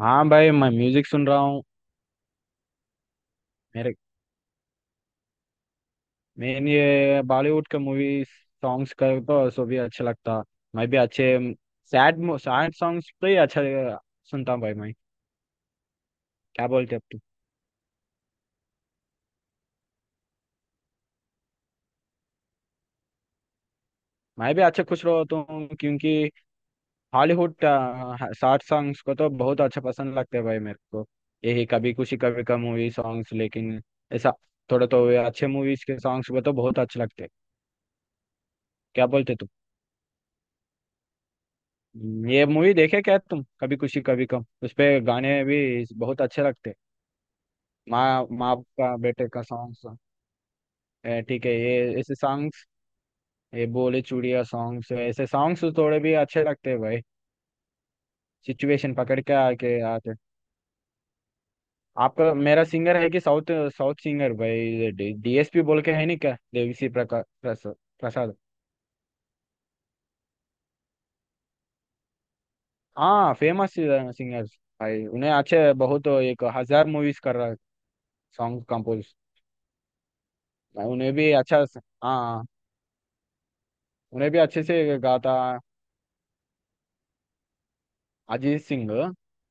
हाँ भाई, मैं म्यूजिक सुन रहा हूँ। मेरे मेन ये बॉलीवुड के मूवी सॉन्ग्स का तो सो भी अच्छा लगता। मैं भी अच्छे सैड सैड सॉन्ग्स तो ही अच्छा सुनता हूँ भाई मैं। क्या बोलते अब तू। मैं भी अच्छे खुश रहता हूँ, क्योंकि हॉलीवुड सैड सॉन्ग्स को तो बहुत अच्छा पसंद लगता है भाई मेरे को। यही कभी खुशी कभी गम मूवी सॉन्ग्स, लेकिन ऐसा थोड़ा तो वे अच्छे मूवीज के सॉन्ग्स को तो बहुत अच्छे लगते हैं। क्या बोलते तू। ये मूवी देखे क्या तुम, कभी खुशी कभी गम, उसपे गाने भी बहुत अच्छे लगते हैं। माँ माँ बाप का बेटे का सॉन्ग्स। ठीक है, ये ऐसे सॉन्ग्स, ये बोले चूड़िया सॉन्ग्स, ऐसे सॉन्ग्स थोड़े भी अच्छे लगते हैं भाई। सिचुएशन पकड़ के आके आते हैं। आपका मेरा सिंगर है कि साउथ, साउथ सिंगर भाई। डीएसपी बोल के है नहीं क्या, देवीसी प्रका प्रसाद प्रसाद। हाँ फेमस सिंगर भाई। उन्हें अच्छे बहुत, 1,000 मूवीज कर रहा है सॉन्ग कंपोज। उन्हें भी अच्छा। हाँ, उन्हें भी अच्छे से गाता अजीत सिंह।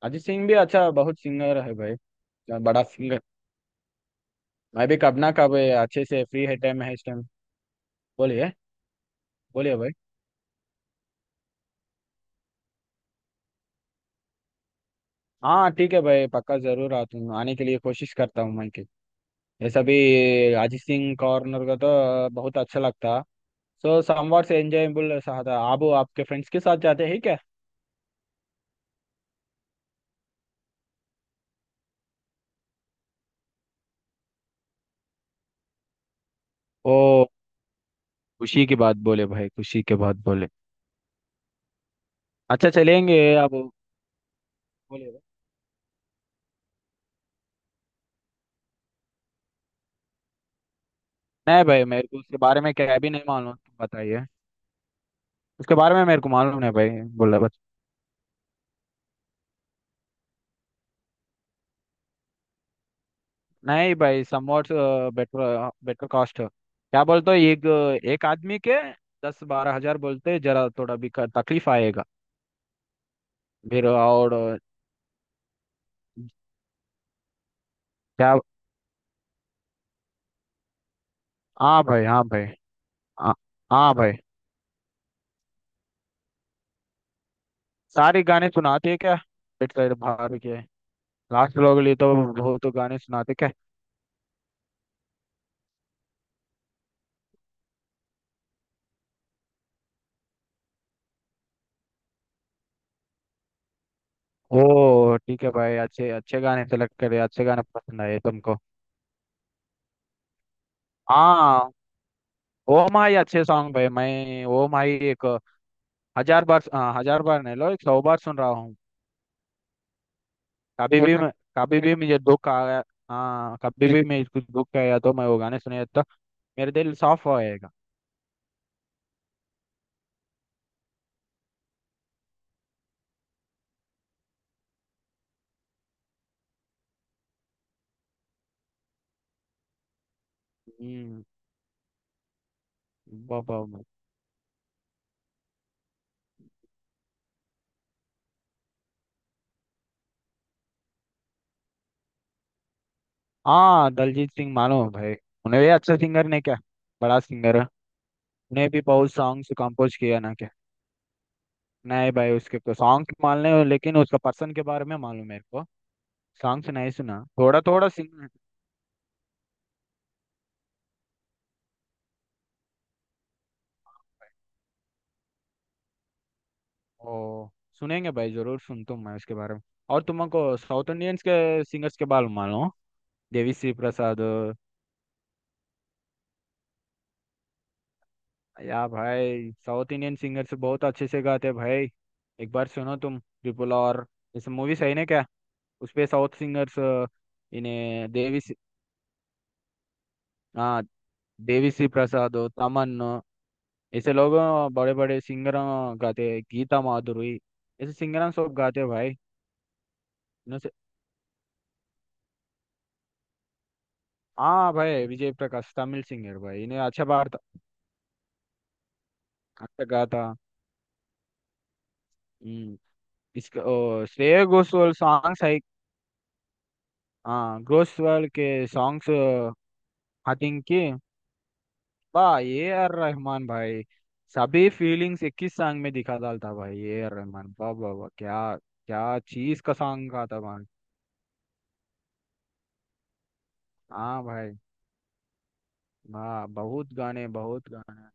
अजीत सिंह भी अच्छा बहुत सिंगर है भाई। बड़ा सिंगर। मैं भी कब ना कब अच्छे से फ्री है, टाइम है इस टाइम। बोलिए। बोलिए भाई। हाँ ठीक है भाई, पक्का जरूर आता हूँ, आने के लिए कोशिश करता हूँ मैं कि ये सभी अजीत सिंह कॉर्नर का तो बहुत अच्छा लगता। सो समवार से एंजॉयबल रहा था। आप आपके फ्रेंड्स के साथ जाते हैं क्या? ओ। खुशी की बात बोले भाई, खुशी की बात बोले। अच्छा, चलेंगे आप। बोलिए भाई। नहीं भाई, मेरे को उसके बारे में क्या भी नहीं मालूम, तुम बताइए। उसके बारे में मेरे को मालूम नहीं भाई। बोला बस। नहीं भाई, समवॉट बेटर, बेटर कॉस्ट, क्या बोलते हो, एक एक आदमी के 10-12 हजार बोलते हैं, जरा थोड़ा भी तकलीफ आएगा। फिर और क्या। हाँ भाई, हाँ भाई, हाँ, हाँ भाई। सारे गाने सुनाते हैं क्या? पेट साइड बाहर के लास्ट लोग लिए तो बहुत गाने सुनाते क्या? ओ ठीक है भाई, अच्छे अच्छे गाने सेलेक्ट करे, अच्छे गाने पसंद आए तुमको। हाँ। ओ माही अच्छे सॉन्ग भाई, मैं ओ माही 1,000 बार, हाँ, 1,000 बार नहीं, लो, 100 बार सुन रहा हूँ। कभी भी मैं, कभी भी मुझे दुख आया, हाँ, कभी भी मैं कुछ दुख आया तो मैं वो गाने सुने तो मेरे दिल साफ हो जाएगा। हम्म। वाह, वाह, वाह। हाँ, दलजीत सिंह मानो भाई, उन्हें भी अच्छा सिंगर ने क्या, बड़ा सिंगर है। उन्हें भी बहुत सॉन्ग्स कंपोज किया ना क्या? नहीं भाई, उसके तो सॉन्ग मालूम है, लेकिन उसका पर्सन के बारे में मालूम मेरे को। सॉन्ग्स नहीं सुना, थोड़ा थोड़ा सिंग। ओ, सुनेंगे भाई, जरूर सुनता हूँ मैं उसके बारे में। और तुमको साउथ इंडियंस के सिंगर्स के बारे में मालूम, देवी श्री प्रसाद। या भाई, साउथ इंडियन सिंगर्स बहुत अच्छे से गाते हैं भाई। एक बार सुनो तुम ट्रिपल और इस मूवी सही ने क्या, उस पे साउथ सिंगर्स। इन्हें देवी श्री- हाँ, देवी श्री प्रसाद, तमन, ऐसे लोग, बड़े बड़े सिंगर गाते हैं, गीता माधुरी, ऐसे सिंगर सब गाते हैं भाई। इनसे- हाँ भाई, विजय प्रकाश तमिल सिंगर भाई, इन्हें अच्छा बार, अच्छा गाता। हम्म। इसका ओ, श्रेया घोषाल सॉन्ग्स है। हाँ, घोषाल के सॉन्ग्स। आई थिंक कि बा ए आर रहमान भाई। सभी फीलिंग्स एक ही सॉन्ग में दिखा डालता भाई ए आर रहमान, वाह वाह वाह, क्या क्या चीज का सॉन्ग गाता भाई। हाँ भाई, वाह, बहुत गाने, बहुत गाने।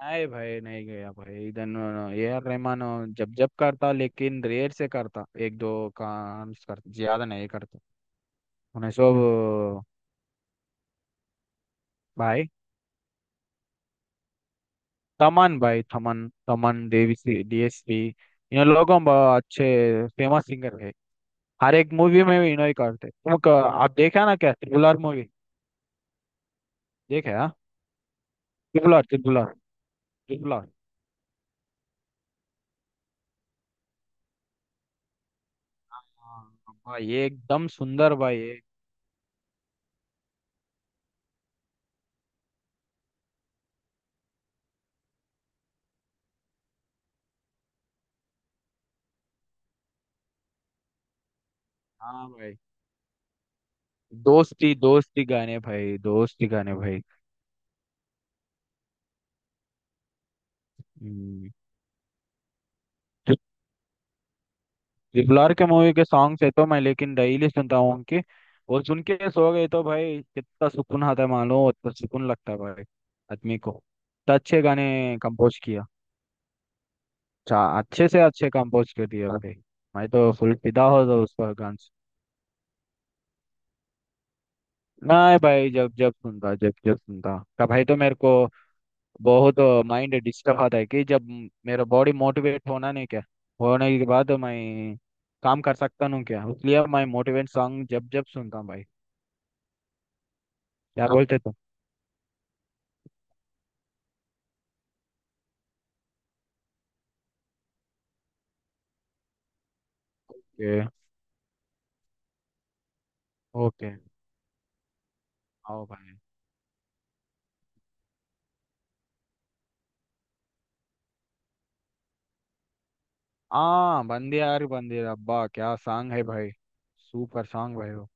नहीं भाई, नहीं गया भाई, इधर ए आर रहमान जब जब करता, लेकिन रेयर से करता, एक दो काम करता, ज्यादा नहीं करता। उन्हें सब भाई, तमन भाई, थमन तमन, देवी, डीएसपी, इन लोगों बहुत अच्छे फेमस सिंगर है। हर एक मूवी में भी इन्हों ही करते, तुम आप देखा ना क्या ट्रिपुलर मूवी? देखे हाँ। ट्रिपुलर, ट्रिपुलर, ट्रिपुलर, हाँ भाई, ये एकदम सुंदर भाई है। हाँ भाई, दोस्ती दोस्ती गाने भाई, दोस्ती गाने भाई। हम्म, ट्रिपल के मूवी के सॉन्ग्स है तो मैं लेकिन डेली सुनता हूँ उनके। और सुन के सो गए तो भाई, कितना सुकून आता है मालूम, उतना सुकून लगता है भाई आदमी को। तो अच्छे गाने कंपोज किया। अच्छा, अच्छे से अच्छे कंपोज कर दिया भाई। मैं तो फुल फिदा हो तो उस पर गान से। नहीं भाई, जब जब सुनता, जब जब सुनता का भाई तो मेरे को बहुत माइंड डिस्टर्ब आता है, कि जब मेरा बॉडी मोटिवेट होना नहीं क्या, होने के बाद मैं काम कर सकता हूँ क्या, इसलिए मैं मोटिवेट सॉन्ग जब जब सुनता हूँ भाई। क्या बोलते तुम। ओके। ओके। आओ भाई। हाँ, बंदे यार, बंदे अब्बा, क्या सॉन्ग है भाई, सुपर सॉन्ग भाई वो।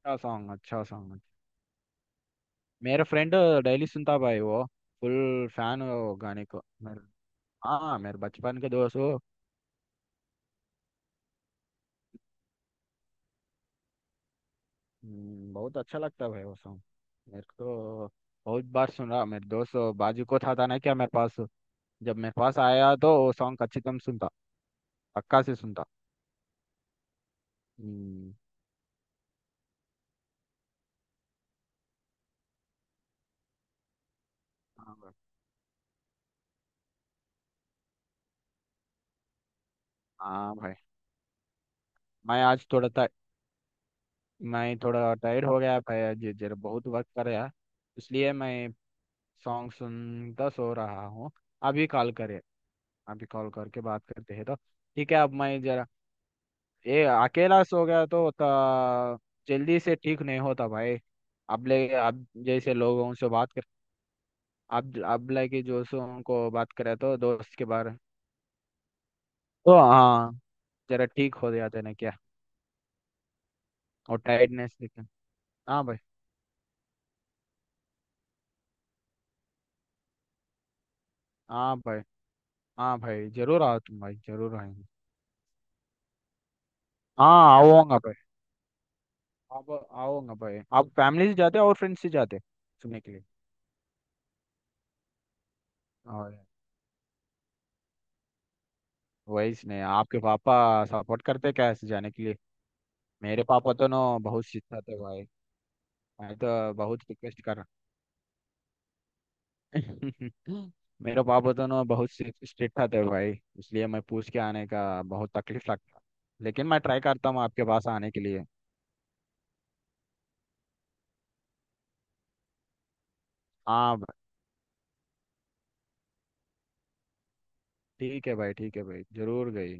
अच्छा सॉन्ग, अच्छा सॉन्ग। मेरा फ्रेंड डेली सुनता भाई वो, फुल फैन है वो गाने को मेरे। हाँ, मेरे बचपन के दोस्त वो। बहुत अच्छा लगता भाई वो सॉन्ग मेरे को। बहुत बार सुन रहा मेरे दोस्त बाजू को था ना क्या मेरे पास। जब मेरे पास आया तो वो सॉन्ग अच्छी कम सुनता। पक्का से सुनता। हम्म। हाँ भाई, हाँ भाई। मैं आज थोड़ा था, मैं थोड़ा टायर्ड हो गया भाई जी, जरा बहुत वक्त कर रहा, इसलिए मैं सॉन्ग सुनता सो रहा हूँ। अभी कॉल करे, अभी कॉल करके बात करते हैं तो ठीक है, अब मैं जरा, ये अकेला सो गया तो जल्दी से ठीक नहीं होता भाई। अब ले, अब जैसे लोगों से बात कर, अब लेके जो सो उनको बात करे तो दोस्त के बारे में। तो हाँ, जरा ठीक हो जाते ना क्या, और टायर्डनेस दिखे। हाँ भाई, हाँ भाई, हाँ भाई जरूर आओ तुम भाई, जरूर आएंगे। हाँ आऊंगा। आप आओगे भाई, आप फैमिली से जाते हो और फ्रेंड्स से जाते हो सुनने के लिए। और वही इसने आपके पापा सपोर्ट करते क्या ऐसे जाने के लिए, मेरे पापा तो ना बहुत सिखाते भाई। मैं तो बहुत रिक्वेस्ट कर रहा। मेरे पापा तो ना बहुत स्ट्रिक्ट थे भाई, इसलिए मैं पूछ के आने का बहुत तकलीफ लगता, लेकिन मैं ट्राई करता हूँ आपके पास आने के लिए। हाँ भाई, ठीक है भाई, ठीक है भाई जरूर गई।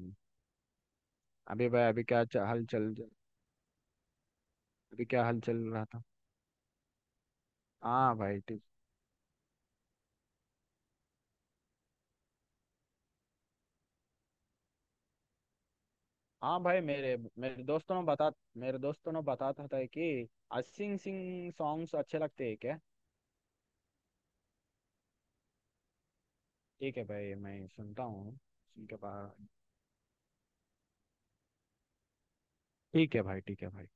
अभी भाई, अभी क्या हल चल। अभी क्या हल चल रहा था। हाँ भाई ठीक। हाँ भाई, मेरे मेरे दोस्तों ने बता, मेरे दोस्तों ने बताता था कि अरिजीत सिंह सॉन्ग्स अच्छे लगते हैं क्या। ठीक है भाई, मैं सुनता हूँ, सुन के बाद। ठीक है भाई, ठीक है भाई।